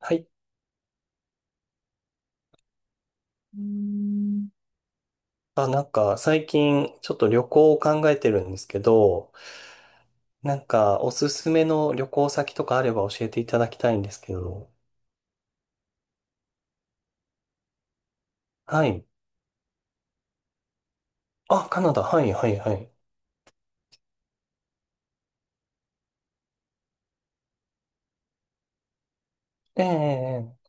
はい。うーん。あ、なんか最近ちょっと旅行を考えてるんですけど、なんかおすすめの旅行先とかあれば教えていただきたいんですけど。はい。あ、カナダ。はい、はい、はい。ええ、ええ、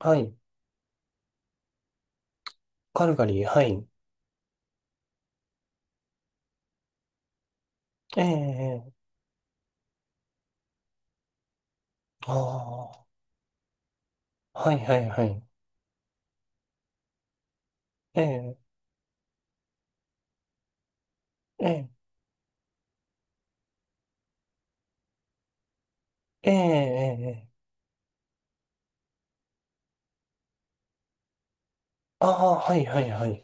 はい。カルガリー。はい。ええ、ええ、ああー、はい、はい、はい。ええ、ええ、ええ、ええ、ええ、ああ、はい、はい、はい。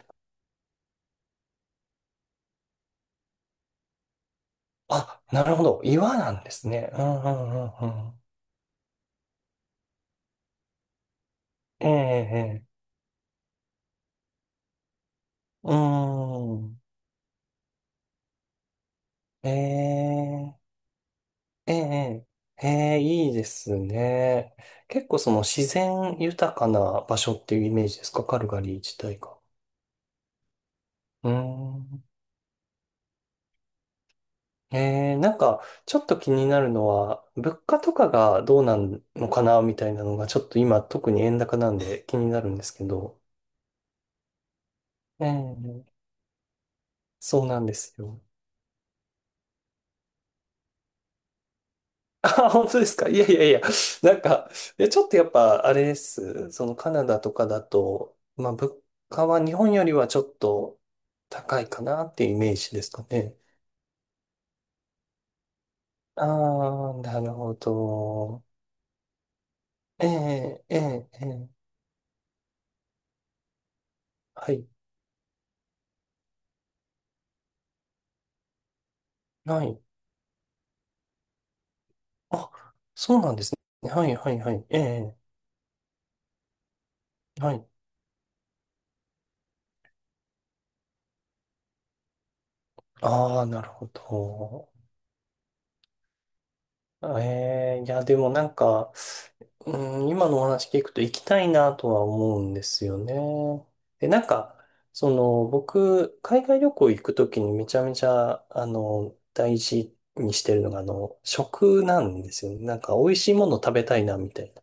あ、なるほど。岩なんですね。うん、うん、うん、うん。ええ、ええ、うーん。ええ、ええ、ええ、いいですね。結構その自然豊かな場所っていうイメージですか、カルガリー自体が？うーん。ええ、なんか、ちょっと気になるのは、物価とかがどうなんのかな、みたいなのが、ちょっと今、特に円高なんで気になるんですけど。ええ、そうなんですよ。あ、本当ですか？いやいやいや、なんか、いやちょっとやっぱ、あれです。そのカナダとかだと、まあ、物価は日本よりはちょっと高いかなっていうイメージですかね。ああ、なるほど。ええ、ええ、ええ、はい、はい。あ、そうなんですね。はい、はい、はい。ええ、はい。ああ、なるほど。ええ、いや、でもなんか、うん、今のお話聞くと行きたいなとは思うんですよね。で、なんか、その、僕、海外旅行行くときにめちゃめちゃ、あの、大事にしてるのが、あの、食なんですよね。なんか、美味しいもの食べたいな、みたいな。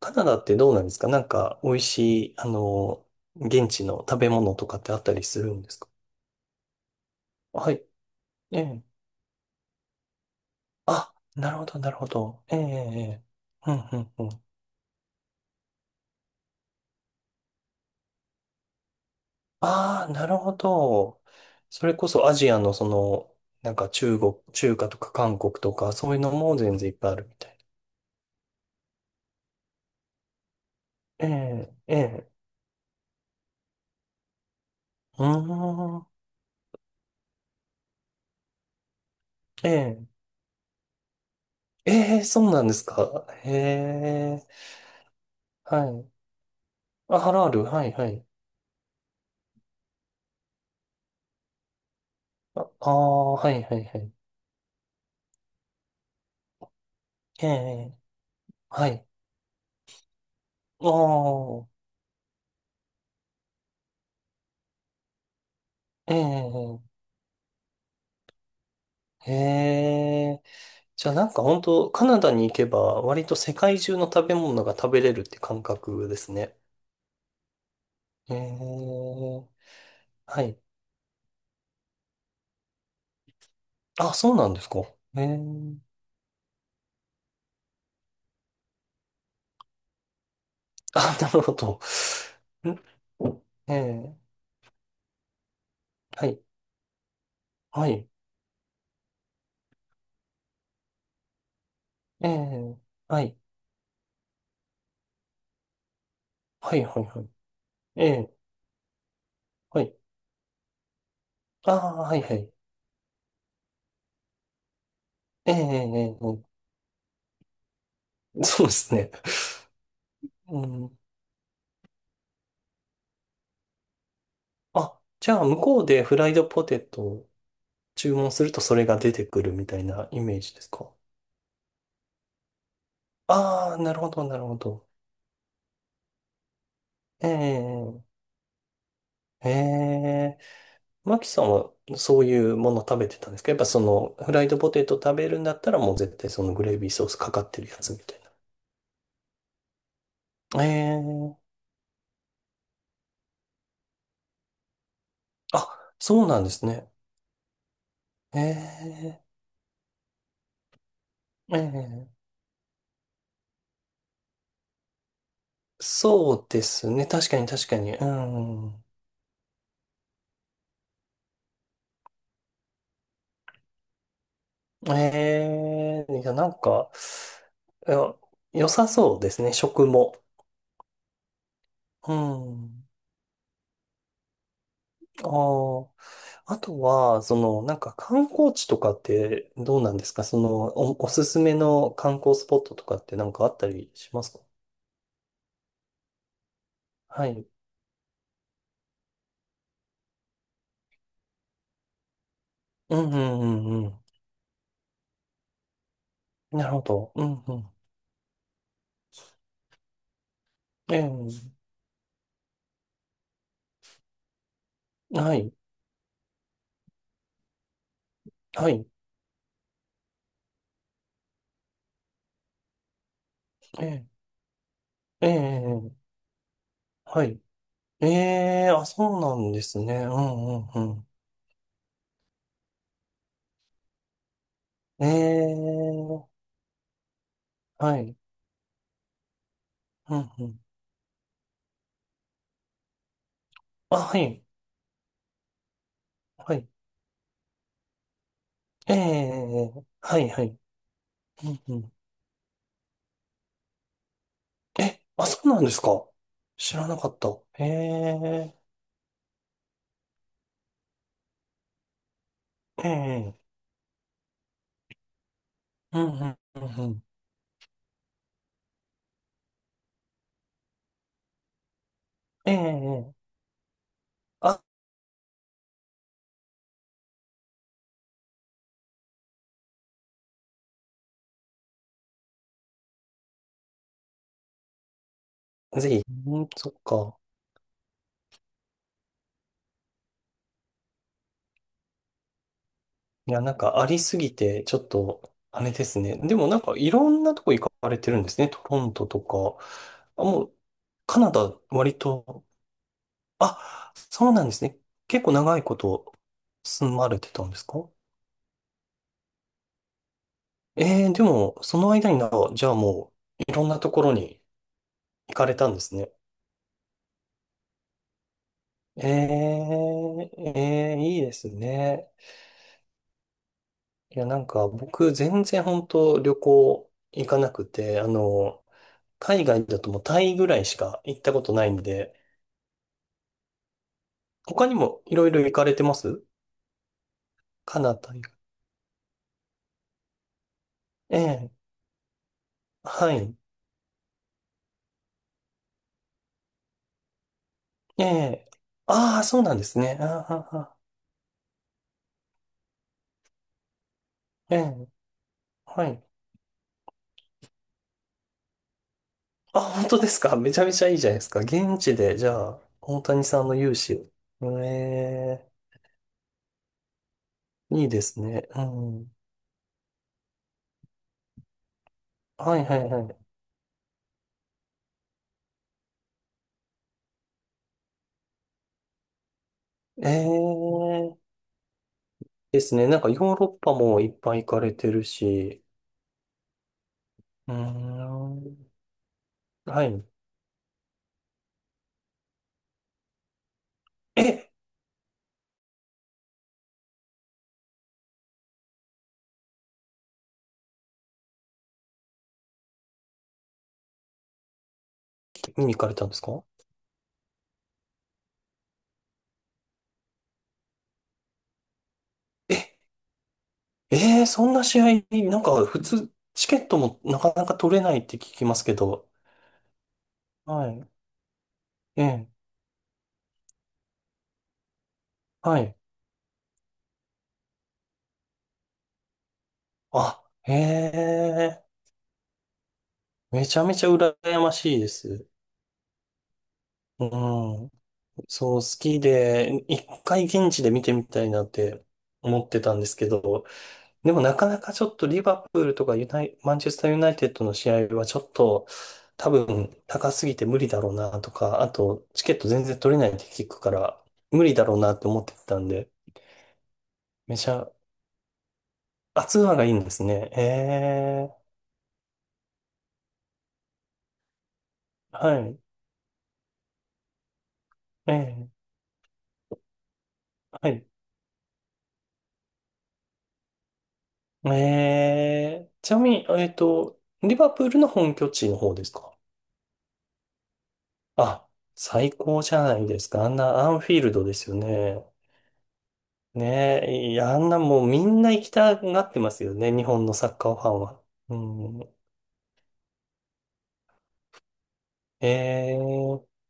カナダってどうなんですか？なんか、美味しい、あの、現地の食べ物とかってあったりするんですか？はい。ええ。あ、なるほど、なるほど。ええ、ええ。ええ、うん、うん、うん。ああ、なるほど。それこそアジアのその、なんか中国、中華とか韓国とか、そういうのも全然いっぱいあるみたいな。ええ、ええ、うーん、ええ、ええ、そうなんですか。へえ、はい。あ、ハラール、はい、はい。あ、ああ、はい、はい、はい。ええ、はい。ああ、ええ、ええ。じゃあなんか本当カナダに行けば、割と世界中の食べ物が食べれるって感覚ですね。ええ、はい。あ、そうなんですか。ええ、あ、なるほど。ん、ええ、はい、はい、ええ、はい、はい、はい、はい、ええ、はい、ああ、はい、はい、ええ、えー、え、えー。 そうですね。うん。あ、じゃあ、向こうでフライドポテトを注文するとそれが出てくるみたいなイメージですか？ああー、なるほど、なるほど。ええ、ええ、マキさんはそういうもの食べてたんですか？やっぱそのフライドポテト食べるんだったらもう絶対そのグレービーソースかかってるやつみたいな。ええ、あ、そうなんですね。ええ、ええ、そうですね。確かに、確かに。うん。ええ、いや、なんか、いや、良さそうですね。食も。うん。ああ。あとは、その、なんか観光地とかってどうなんですか？その、おすすめの観光スポットとかってなんかあったりしますか？はい。うん、うん、うん、うん。なるほど。うん、うん。ええ、はい。はい。ええ、ええ、ええ、はい。ええ、あ、そうなんですね。うん、うん、うん。ええ、はい。うん、うん。あ、はい。はい。ええ、はい、はい。うん、うん。え、あ、そうなんですか？知らなかった。ええ。ええ、うん、うん、うん、うん。ええ、ええ、あ、ぜひ。うん、そっか。いや、なんかありすぎて、ちょっと、あれですね。でもなんかいろんなとこ行かれてるんですね。トロントとか。あ、もう、カナダ、割と、あ、そうなんですね。結構長いこと住まれてたんですか？ええ、でも、その間にじゃあもう、いろんなところに行かれたんですね。ええ、ええ、いいですね。いや、なんか僕全然本当旅行行かなくて、あの、海外だともうタイぐらいしか行ったことないんで、他にもいろいろ行かれてます？カナダ以外。ええ、はい。ええ。ああ、そうなんですね。ああ、ああ、ええ、はい。あ、本当ですか？ めちゃめちゃいいじゃないですか。現地で、じゃあ、大谷さんの勇姿を。ええ、いいですね。うん。はい、はい、はい。ええ。ですね。なんかヨーロッパもいっぱい行かれてるし、うーん。はい。え、見に行かれたんですか？え、えー、そんな試合、なんか普通、チケットもなかなか取れないって聞きますけど。はい。ええ、はい。あ、へえ、めちゃめちゃ羨ましいです。うん。そう、好きで、一回現地で見てみたいなって思ってたんですけど、でもなかなかちょっとリバプールとかユナイ、マンチェスターユナイテッドの試合はちょっと多分高すぎて無理だろうなとか、あとチケット全然取れないって聞くから無理だろうなって思ってたんで、めちゃ、あ、ツアーがいいんですね。ええ、はい、ええ、はい。ええ、ちなみに、リバプールの本拠地の方ですか？あ、最高じゃないですか。あんなアンフィールドですよね。ねえ、いや、あんなもうみんな行きたがってますよね、日本のサッカーファンは。うん。ええ。